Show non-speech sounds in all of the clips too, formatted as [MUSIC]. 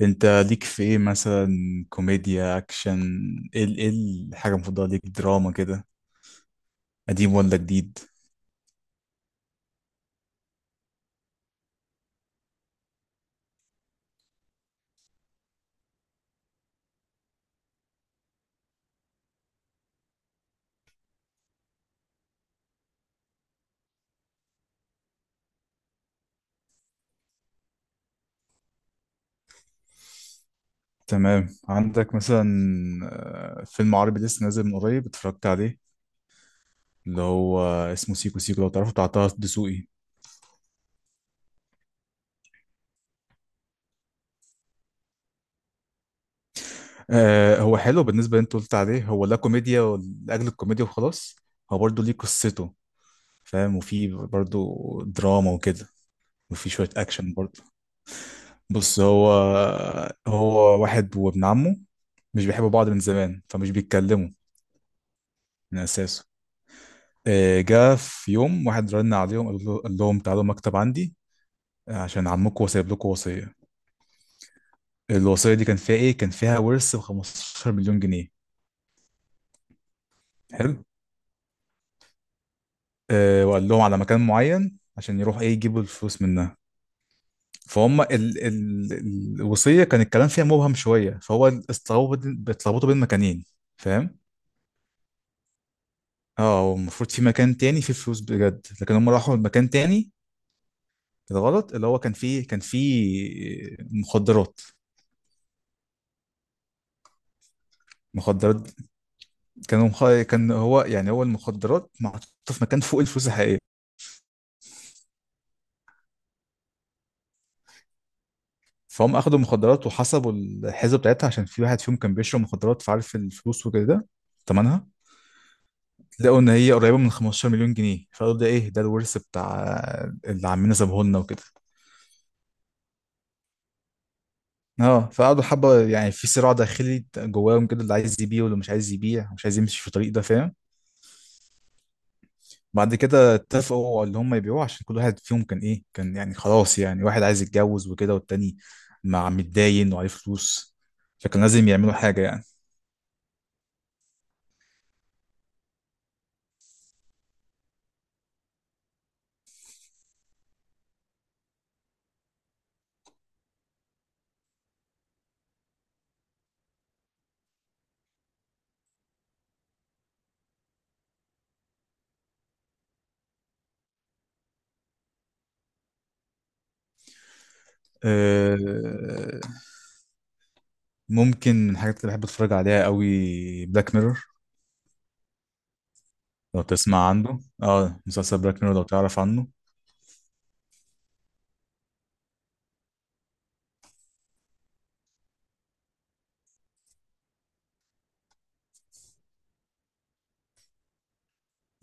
انت ليك في ايه مثلا؟ كوميديا، اكشن؟ ايه الحاجه المفضله ليك؟ دراما كده؟ قديم ولا جديد؟ تمام. عندك مثلا فيلم عربي لسه نازل من قريب اتفرجت عليه، اللي هو اسمه سيكو سيكو لو تعرفه، بتاع طه دسوقي. آه هو حلو. بالنسبه اللي انت قلت عليه، هو لا كوميديا لاجل الكوميديا وخلاص، هو برضه ليه قصته، فاهم؟ وفي برضه دراما وكده، وفي شويه اكشن برضه. بص، هو واحد وابن عمه مش بيحبوا بعض من زمان، فمش بيتكلموا من اساسه. جه في يوم واحد رن عليهم، قال لهم تعالوا مكتب عندي عشان عمكم وسايب لكم وصيه. الوصيه دي كان فيها ايه؟ كان فيها ورث ب 15 مليون جنيه. حلو. وقال لهم على مكان معين عشان يروح ايه، يجيبوا الفلوس منها. فهم ال الوصيه كان الكلام فيها مبهم شويه، فهو اتلخبطوا بين مكانين، فاهم؟ اه، هو المفروض في مكان تاني فيه فلوس بجد، لكن هم راحوا مكان تاني الغلط، اللي هو كان فيه كان فيه مخدرات. مخدرات. كانوا مخ... كان هو يعني، هو المخدرات محطوطة في مكان فوق الفلوس الحقيقية. فهم أخدوا مخدرات وحسبوا الحسبة بتاعتها، عشان في واحد فيهم كان بيشرب مخدرات فعارف الفلوس وكده، تمنها. لقوا إن هي قريبة من 15 مليون جنيه، فقالوا ده إيه، ده الورث بتاع اللي عمنا سابهولنا وكده. اه، فقعدوا حبه يعني في صراع داخلي جواهم كده، اللي عايز يبيع واللي مش عايز يبيع، مش عايز يمشي في الطريق ده، فاهم؟ بعد كده اتفقوا على اللي هم يبيعوه، عشان كل واحد فيهم كان ايه، كان يعني خلاص، يعني واحد عايز يتجوز وكده، والتاني مع متداين وعليه فلوس، فكان لازم يعملوا حاجه يعني. أه. ممكن من الحاجات اللي بحب اتفرج عليها قوي بلاك ميرور، لو تسمع عنه. اه مسلسل بلاك ميرور، لو تعرف عنه.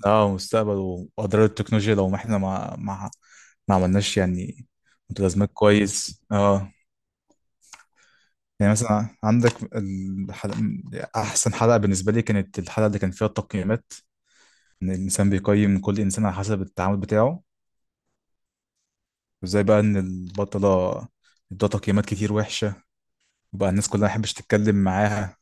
اه، مستقبل واضرار التكنولوجيا لو ما احنا ما ما عملناش يعني. متلازمات، كويس اه. يعني مثلا عندك الحلقة، احسن حلقة بالنسبة لي كانت الحلقة اللي كان فيها التقييمات، ان الانسان بيقيم كل انسان على حسب التعامل بتاعه. وازاي بقى ان البطلة ادوها تقييمات كتير وحشة، وبقى الناس كلها ما حبش تتكلم معاها.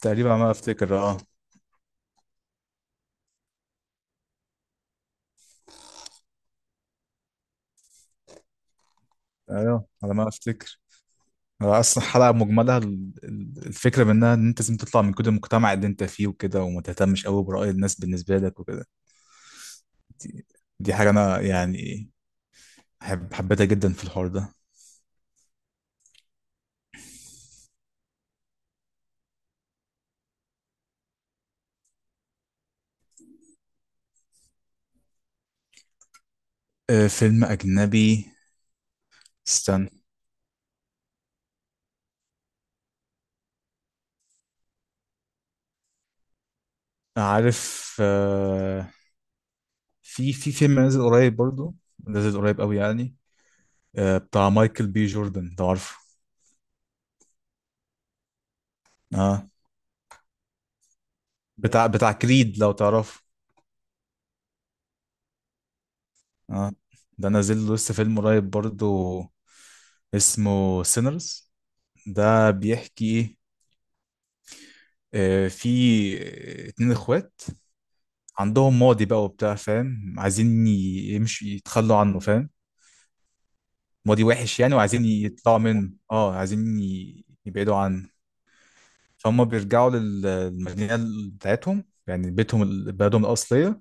تقريبا على ما افتكر، اه. ايوه على ما افتكر. اصلا الحلقه مجملها الفكره منها ان انت لازم تطلع من كل المجتمع اللي انت فيه وكده، وما تهتمش قوي براي الناس بالنسبه لك وكده. دي, دي حاجه انا يعني حبيتها جدا في الحوار ده. فيلم اجنبي. استنى. عارف في في فيلم نازل قريب برضو، نازل قريب قوي يعني. بتاع مايكل بي جوردن، لو عارفه. اه، بتاع كريد، لو تعرفه. اه، ده نازل له لسه فيلم قريب برضو، اسمه سينرز. ده بيحكي في اتنين اخوات عندهم ماضي بقى وبتاع، فاهم؟ عايزين ي- يمشي يتخلوا عنه، فاهم؟ ماضي وحش يعني، وعايزين يطلعوا منه، اه، عايزين يبعدوا عنه. فهم بيرجعوا للمدينة بتاعتهم، يعني بيتهم بلدهم الأصلية.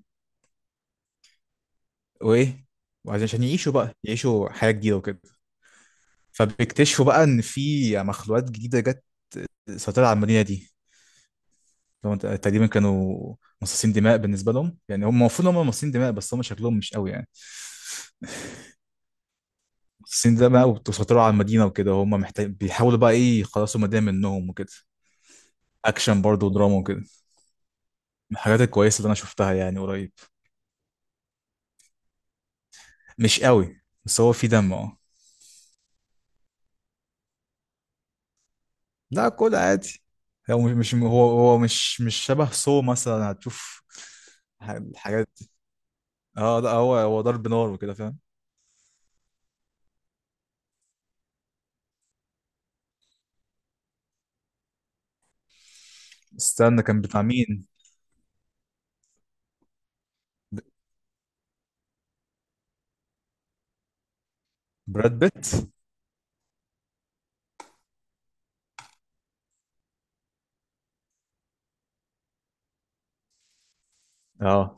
وإيه، وعايزين عشان يعيشوا بقى، يعيشوا حياة جديدة وكده. فبيكتشفوا بقى إن في مخلوقات جديدة جت سيطرت على المدينة دي. لو انت تقريبا، كانوا مصاصين دماء. بالنسبه لهم يعني، هم المفروض هم مصاصين دماء بس هم شكلهم مش قوي يعني. مصاصين دماء وبيسيطروا على المدينه وكده، هم محتاج بيحاولوا بقى ايه، يخلصوا المدينه منهم وكده. اكشن برضه ودراما وكده، من الحاجات الكويسه اللي انا شفتها يعني قريب. مش قوي، بس هو في دم اه. لا كل عادي. هو مش شبه سو مثلا، هتشوف الحاجات. اه لا، هو هو ضرب نار وكده، فاهم؟ استنى، كان بتاع مين؟ براد بيت، اه.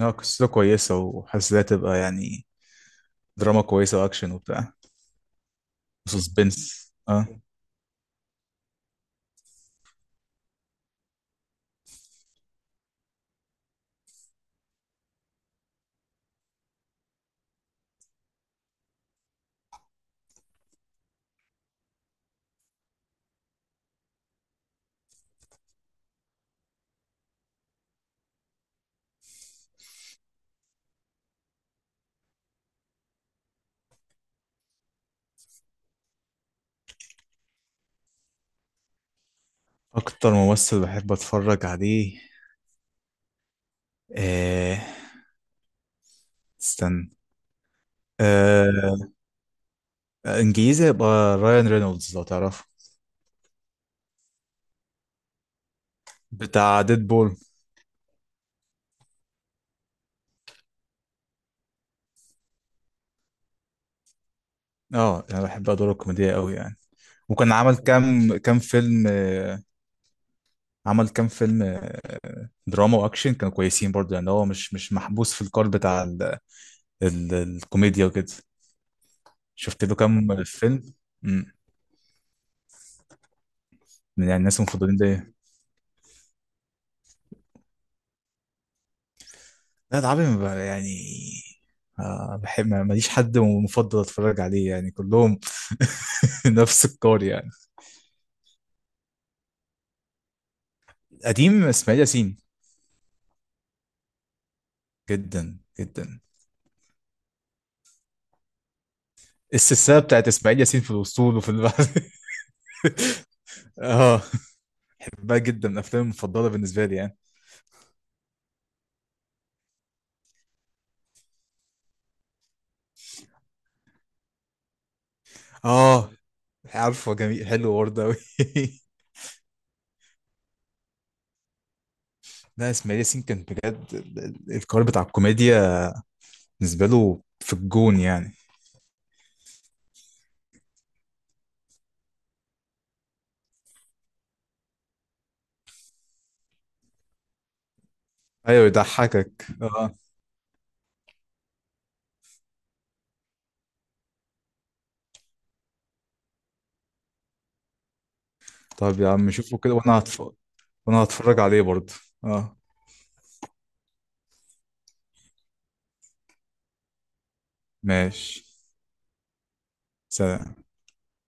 اه قصته كويسة، وحاسسها تبقى يعني دراما كويسة وأكشن وبتاع وسسبنس، اه. أكتر ممثل بحب أتفرج عليه؟ آه، استنى. آه، إنجليزي يبقى رايان رينولدز، لو تعرفه. بتاع ديد بول. اه، أنا بحب أدواره الكوميدية أوي يعني. وكان عمل كام فيلم آه، عمل كام فيلم دراما وأكشن، كانوا كويسين برضه. يعني هو مش مش محبوس في القالب بتاع ال الكوميديا وكده. شفت له كام فيلم من يعني الناس المفضلين زي. لا ده عربي، ما ب- يعني آه بحب، ماليش حد مفضل اتفرج عليه يعني، كلهم [LAUGHS] نفس القار يعني. قديم اسماعيل ياسين. جدا جدا. السلسله بتاعت اسماعيل ياسين في الاسطول وفي البحر. [LAUGHS] اه، بحبها جدا، من افلامي المفضله بالنسبه لي يعني. اه عارفه، جميل، حلو برضه قوي. [LAUGHS] لا اسماعيل ياسين كان بجد القار بتاع الكوميديا بالنسبه له في الجون يعني. ايوه يضحكك، اه. طب يا عم شوفوا كده وانا هتفرج، وانا هتفرج عليه برضه، اه. ماشي، سلام.